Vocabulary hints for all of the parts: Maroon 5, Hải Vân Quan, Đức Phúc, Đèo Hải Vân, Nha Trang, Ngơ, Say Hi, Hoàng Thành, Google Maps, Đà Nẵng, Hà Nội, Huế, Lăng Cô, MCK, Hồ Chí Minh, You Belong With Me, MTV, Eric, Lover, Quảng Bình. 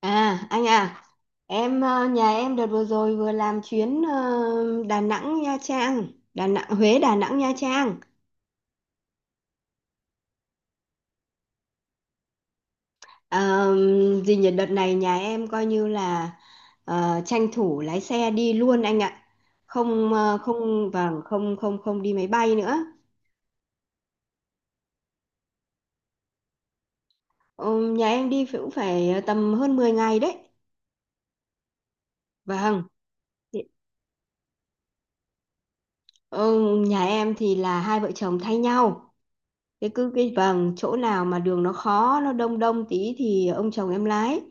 À anh à, em nhà em đợt vừa rồi vừa làm chuyến Đà Nẵng Nha Trang, Đà Nẵng Huế Đà Nẵng Nha Trang. Gì nhỉ, đợt này nhà em coi như là tranh thủ lái xe đi luôn anh ạ. Không không, vâng, không không không đi máy bay nữa. Ờ, nhà em đi cũng phải tầm hơn 10 ngày đấy. Vâng. Thì- Ờ, nhà em thì là hai vợ chồng thay nhau. Cứ cái vầng chỗ nào mà đường nó khó, nó đông đông tí thì ông chồng em lái,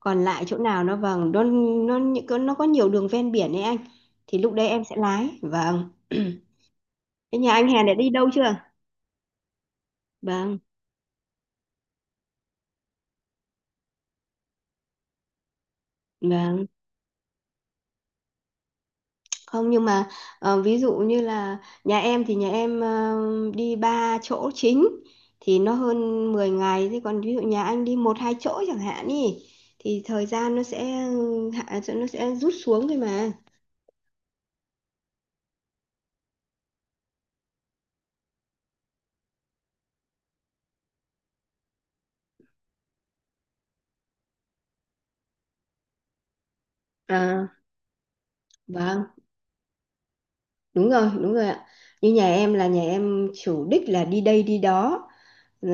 còn lại chỗ nào nó vầng nó nó có nhiều đường ven biển ấy anh, thì lúc đấy em sẽ lái. Vâng. Thế nhà anh Hèn đã đi đâu chưa? Vâng, vâng, không, nhưng mà ví dụ như là nhà em thì nhà em đi ba chỗ chính thì nó hơn 10 ngày. Thế còn ví dụ nhà anh đi một hai chỗ chẳng hạn ý thì thời gian nó sẽ nó sẽ rút xuống thôi mà. À vâng, đúng rồi, đúng rồi ạ. Như nhà em là nhà em chủ đích là đi đây đi đó, ờ,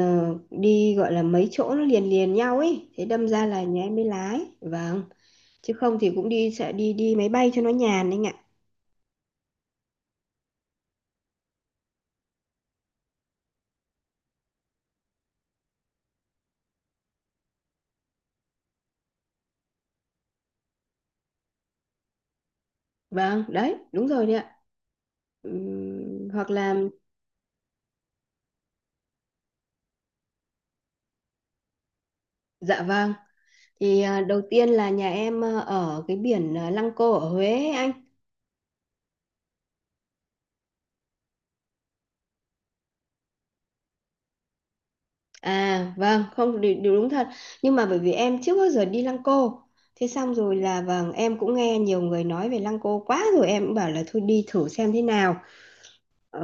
đi gọi là mấy chỗ nó liền liền nhau ấy, thế đâm ra là nhà em mới lái. Vâng. Chứ không thì cũng sẽ đi đi máy bay cho nó nhàn anh ạ. Vâng, đấy, đúng rồi đấy ạ. Hoặc là, dạ vâng, thì đầu tiên là nhà em ở cái biển Lăng Cô ở Huế ấy anh. À vâng, không điều, điều đúng thật. Nhưng mà bởi vì em trước bao giờ đi Lăng Cô. Thế xong rồi là, vâng, em cũng nghe nhiều người nói về Lăng Cô quá rồi, em cũng bảo là thôi đi thử xem thế nào. Ờ,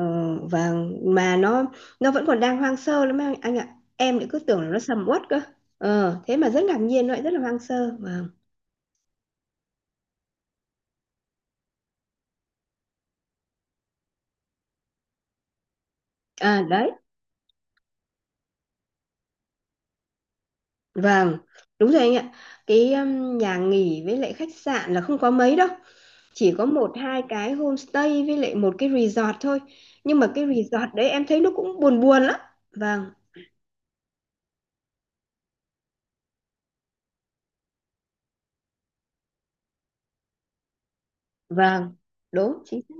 vâng, mà nó vẫn còn đang hoang sơ lắm anh ạ. Em lại cứ tưởng là nó sầm uất cơ. Thế mà rất ngạc nhiên, nó lại rất là hoang sơ. Vâng. À đấy. Vâng, đúng rồi anh ạ. Cái nhà nghỉ với lại khách sạn là không có mấy đâu. Chỉ có một hai cái homestay với lại một cái resort thôi. Nhưng mà cái resort đấy em thấy nó cũng buồn buồn lắm. Vâng, vâng, đúng chính xác.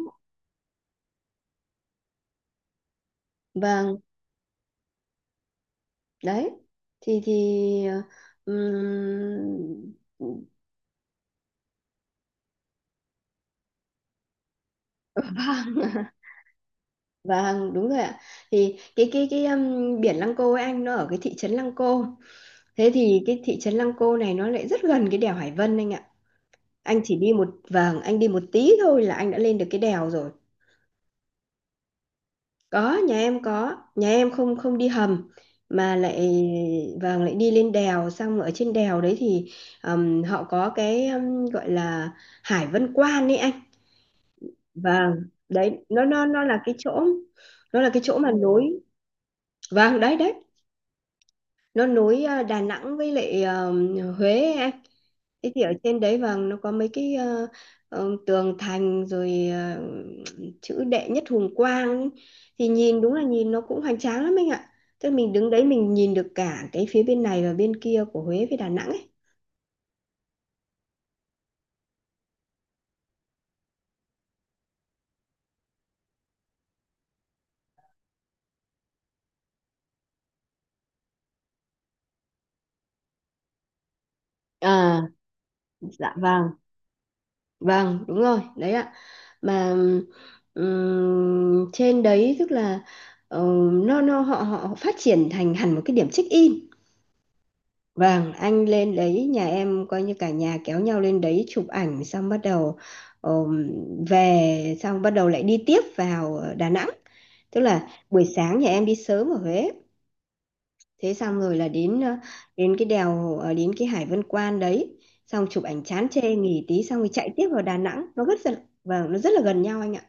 Vâng, đấy. Thì um, vâng, vâng, đúng rồi ạ. Thì cái biển Lăng Cô ấy anh, nó ở cái thị trấn Lăng Cô. Thế thì cái thị trấn Lăng Cô này nó lại rất gần cái đèo Hải Vân anh ạ, anh chỉ đi một tí thôi là anh đã lên được cái đèo rồi. Có nhà em có nhà em không, không đi hầm mà lại, vâng, lại đi lên đèo, xong ở trên đèo đấy thì họ có cái, gọi là Hải Vân Quan ấy anh. Vâng đấy, nó là cái chỗ nó là cái chỗ mà nối, vâng đấy đấy, nó nối Đà Nẵng với lại Huế ấy anh. Thế thì ở trên đấy vàng nó có mấy cái tường thành rồi chữ đệ nhất hùng quang ấy. Thì nhìn, đúng là nhìn nó cũng hoành tráng lắm anh ạ, tức là mình đứng đấy mình nhìn được cả cái phía bên này và bên kia của Huế với Đà Nẵng ấy. À dạ vâng, vâng đúng rồi đấy ạ. Mà trên đấy tức là ờ, nó họ họ phát triển thành hẳn một cái điểm check in. Vâng, anh lên đấy, nhà em coi như cả nhà kéo nhau lên đấy chụp ảnh, xong bắt đầu ờm, về, xong bắt đầu lại đi tiếp vào Đà Nẵng. Tức là buổi sáng nhà em đi sớm ở Huế, thế xong rồi là đến ờ, đến cái đèo ờ, đến cái Hải Vân Quan đấy, xong chụp ảnh chán chê, nghỉ tí xong rồi chạy tiếp vào Đà Nẵng. Nó rất là, vâng, nó rất là gần nhau anh ạ.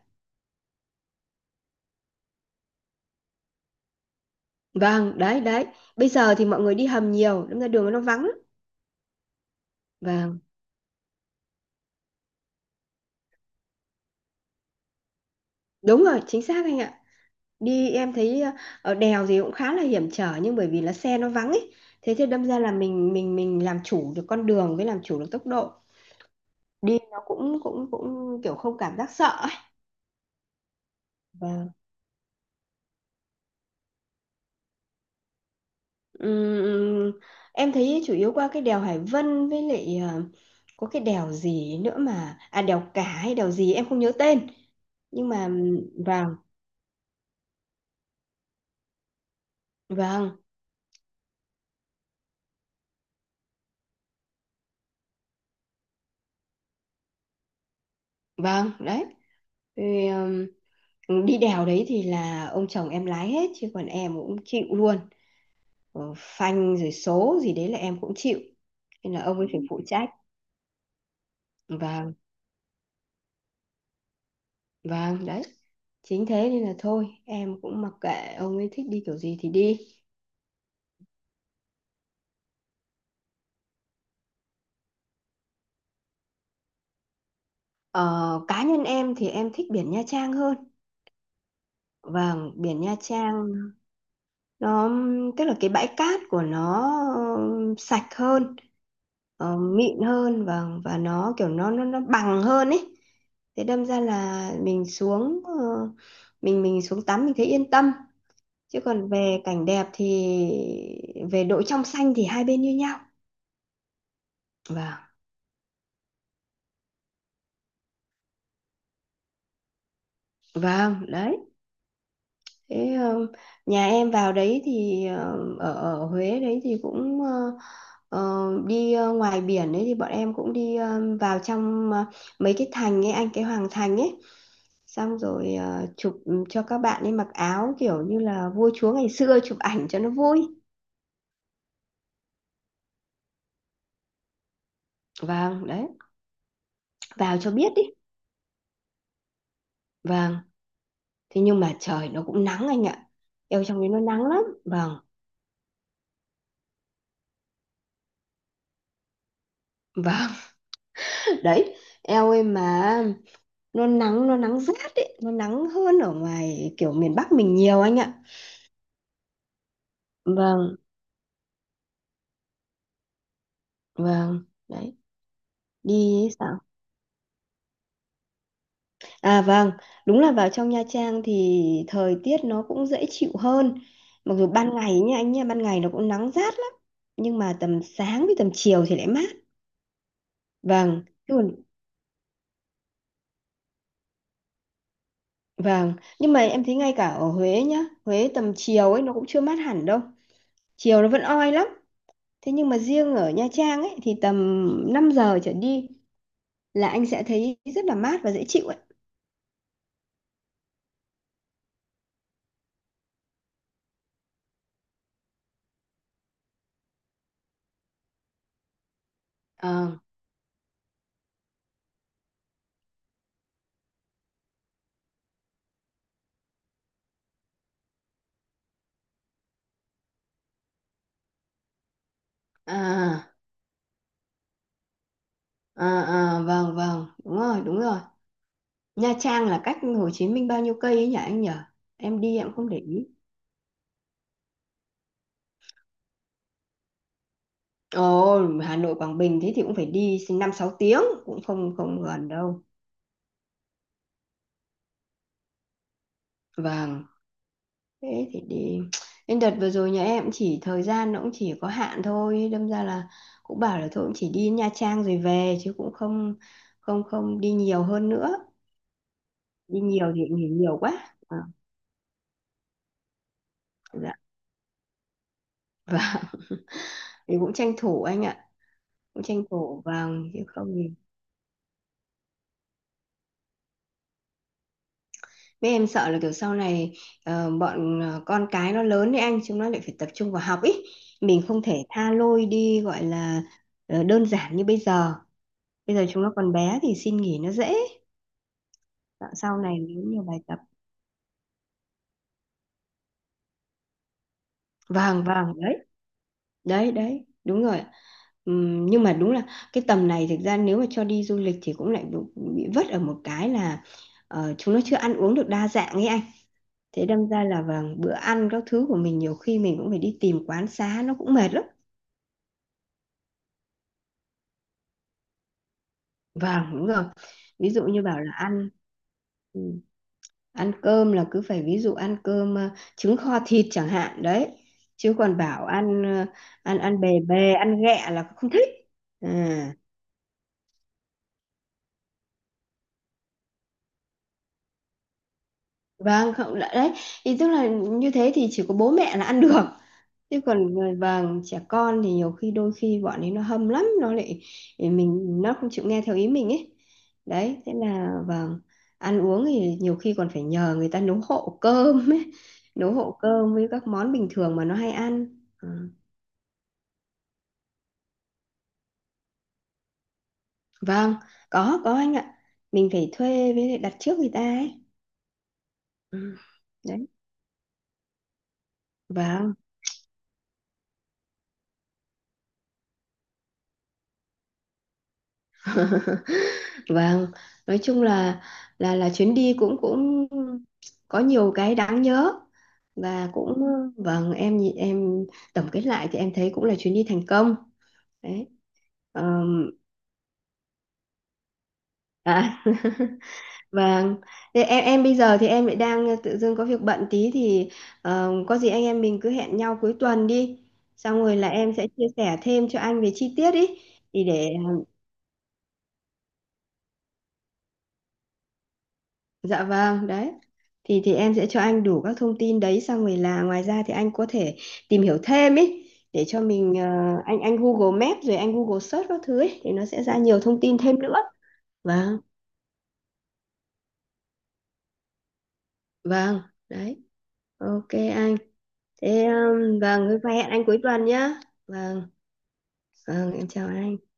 Vâng, đấy đấy. Bây giờ thì mọi người đi hầm nhiều, đâm ra đường nó vắng lắm. Vâng, đúng rồi, chính xác anh ạ. Đi em thấy ở đèo gì cũng khá là hiểm trở, nhưng bởi vì là xe nó vắng ấy, thế thì đâm ra là mình làm chủ được con đường với làm chủ được tốc độ, đi nó cũng cũng cũng kiểu không cảm giác sợ ấy. Vâng. Ừm, ừm, em thấy chủ yếu qua cái đèo Hải Vân với lại có cái đèo gì nữa, mà à, đèo Cả hay đèo gì em không nhớ tên, nhưng mà vâng vâng vâng đấy. Thì, đi đèo đấy thì là ông chồng em lái hết, chứ còn em cũng chịu luôn, phanh rồi số gì đấy là em cũng chịu, nên là ông ấy phải phụ trách, và và đấy, chính thế nên là thôi em cũng mặc kệ ông ấy thích đi kiểu gì thì đi. Ờ, Cá nhân em thì em thích biển Nha Trang hơn, và biển Nha Trang nó, tức là cái bãi cát của nó ờ, sạch hơn, mịn hơn, và nó kiểu nó bằng hơn ấy, thế đâm ra là mình xuống tắm mình thấy yên tâm, chứ còn về cảnh đẹp thì, về độ trong xanh thì hai bên như nhau. Vâng, vâng đấy. Thế nhà em vào đấy thì ở ở Huế đấy thì cũng đi ngoài biển đấy, thì bọn em cũng đi vào trong mấy cái thành ấy anh, cái Hoàng Thành ấy, xong rồi chụp cho các bạn ấy mặc áo kiểu như là vua chúa ngày xưa chụp ảnh cho nó vui. Vâng đấy, vào cho biết đi. Vâng, thế nhưng mà trời nó cũng nắng anh ạ, eo trong đấy nó nắng lắm. Vâng, vâng, đấy, eo ơi, mà nó nắng, nó nắng rát ấy, nó nắng hơn ở ngoài kiểu miền Bắc mình nhiều anh ạ. Vâng, vâng đấy. Đi ấy sao? À vâng, đúng là vào trong Nha Trang thì thời tiết nó cũng dễ chịu hơn, mặc dù ban ngày nha anh, nha, ban ngày nó cũng nắng rát lắm, nhưng mà tầm sáng với tầm chiều thì lại mát. Vâng, chứ còn. Vâng, nhưng mà em thấy ngay cả ở Huế nhá, Huế tầm chiều ấy nó cũng chưa mát hẳn đâu. Chiều nó vẫn oi lắm. Thế nhưng mà riêng ở Nha Trang ấy thì tầm 5 giờ trở đi là anh sẽ thấy rất là mát và dễ chịu ấy. Ờ, à, à, à, vâng, vâng, đúng rồi, đúng rồi. Nha Trang là cách Hồ Chí Minh bao nhiêu cây ấy nhỉ anh nhỉ? Em đi em không để ý. Ồ, Hà Nội Quảng Bình, thế thì cũng phải đi 5-6 tiếng, cũng không không gần đâu. Vâng. Thế thì đi Nên đợt vừa rồi nhà em cũng chỉ thời gian nó cũng chỉ có hạn thôi, đâm ra là cũng bảo là thôi, cũng chỉ đi Nha Trang rồi về, chứ cũng không không không đi nhiều hơn nữa, đi nhiều thì nghỉ nhiều quá. À, dạ, và thì cũng tranh thủ anh ạ, cũng tranh thủ vào chứ không thì, mấy em sợ là kiểu sau này con cái nó lớn đấy anh, chúng nó lại phải tập trung vào học ý, mình không thể tha lôi đi, gọi là đơn giản như bây giờ, bây giờ chúng nó còn bé thì xin nghỉ nó dễ. Dạ, sau này nếu như bài tập. Vàng vàng, đấy đấy đấy, đúng rồi. Nhưng mà đúng là cái tầm này thực ra nếu mà cho đi du lịch thì cũng lại bị vất ở một cái là chúng nó chưa ăn uống được đa dạng ấy anh, thế đâm ra là vàng, bữa ăn các thứ của mình nhiều khi mình cũng phải đi tìm quán xá nó cũng mệt lắm. Vâng đúng rồi. Ví dụ như bảo là ừ, ăn cơm là cứ phải, ví dụ ăn cơm trứng kho thịt chẳng hạn đấy, chứ còn bảo ăn ăn ăn bề bề, ăn ghẹ là không thích. À. Vâng, không đã- đấy, thì tức là như thế thì chỉ có bố mẹ là ăn được, chứ còn, vâng, trẻ con thì nhiều khi đôi khi bọn ấy nó hâm lắm, nó lại thì mình, nó không chịu nghe theo ý mình ấy, đấy thế là vâng, ăn uống thì nhiều khi còn phải nhờ người ta nấu hộ cơm ấy, nấu hộ cơm với các món bình thường mà nó hay ăn. Ừ. Vâng, có anh ạ, mình phải thuê với lại đặt trước người ta ấy. Ừ. Đấy. Vâng. Vâng, nói chung là chuyến đi cũng cũng có nhiều cái đáng nhớ, và cũng, vâng, em tổng kết lại thì em thấy cũng là chuyến đi thành công, đấy. Ờm, À, vâng. Thế em bây giờ thì em lại đang tự dưng có việc bận tí thì, có gì anh em mình cứ hẹn nhau cuối tuần đi, xong rồi là em sẽ chia sẻ thêm cho anh về chi tiết ý, thì để. Dạ vâng, đấy. Thì em sẽ cho anh đủ các thông tin đấy, xong rồi là ngoài ra thì anh có thể tìm hiểu thêm ý, để cho mình anh, Google Maps rồi anh Google search các thứ ấy thì nó sẽ ra nhiều thông tin thêm nữa. Vâng, vâng, đấy. Ok anh. Thế vâng, hôm nay hẹn anh cuối tuần nhá. Vâng, vâng, em chào anh.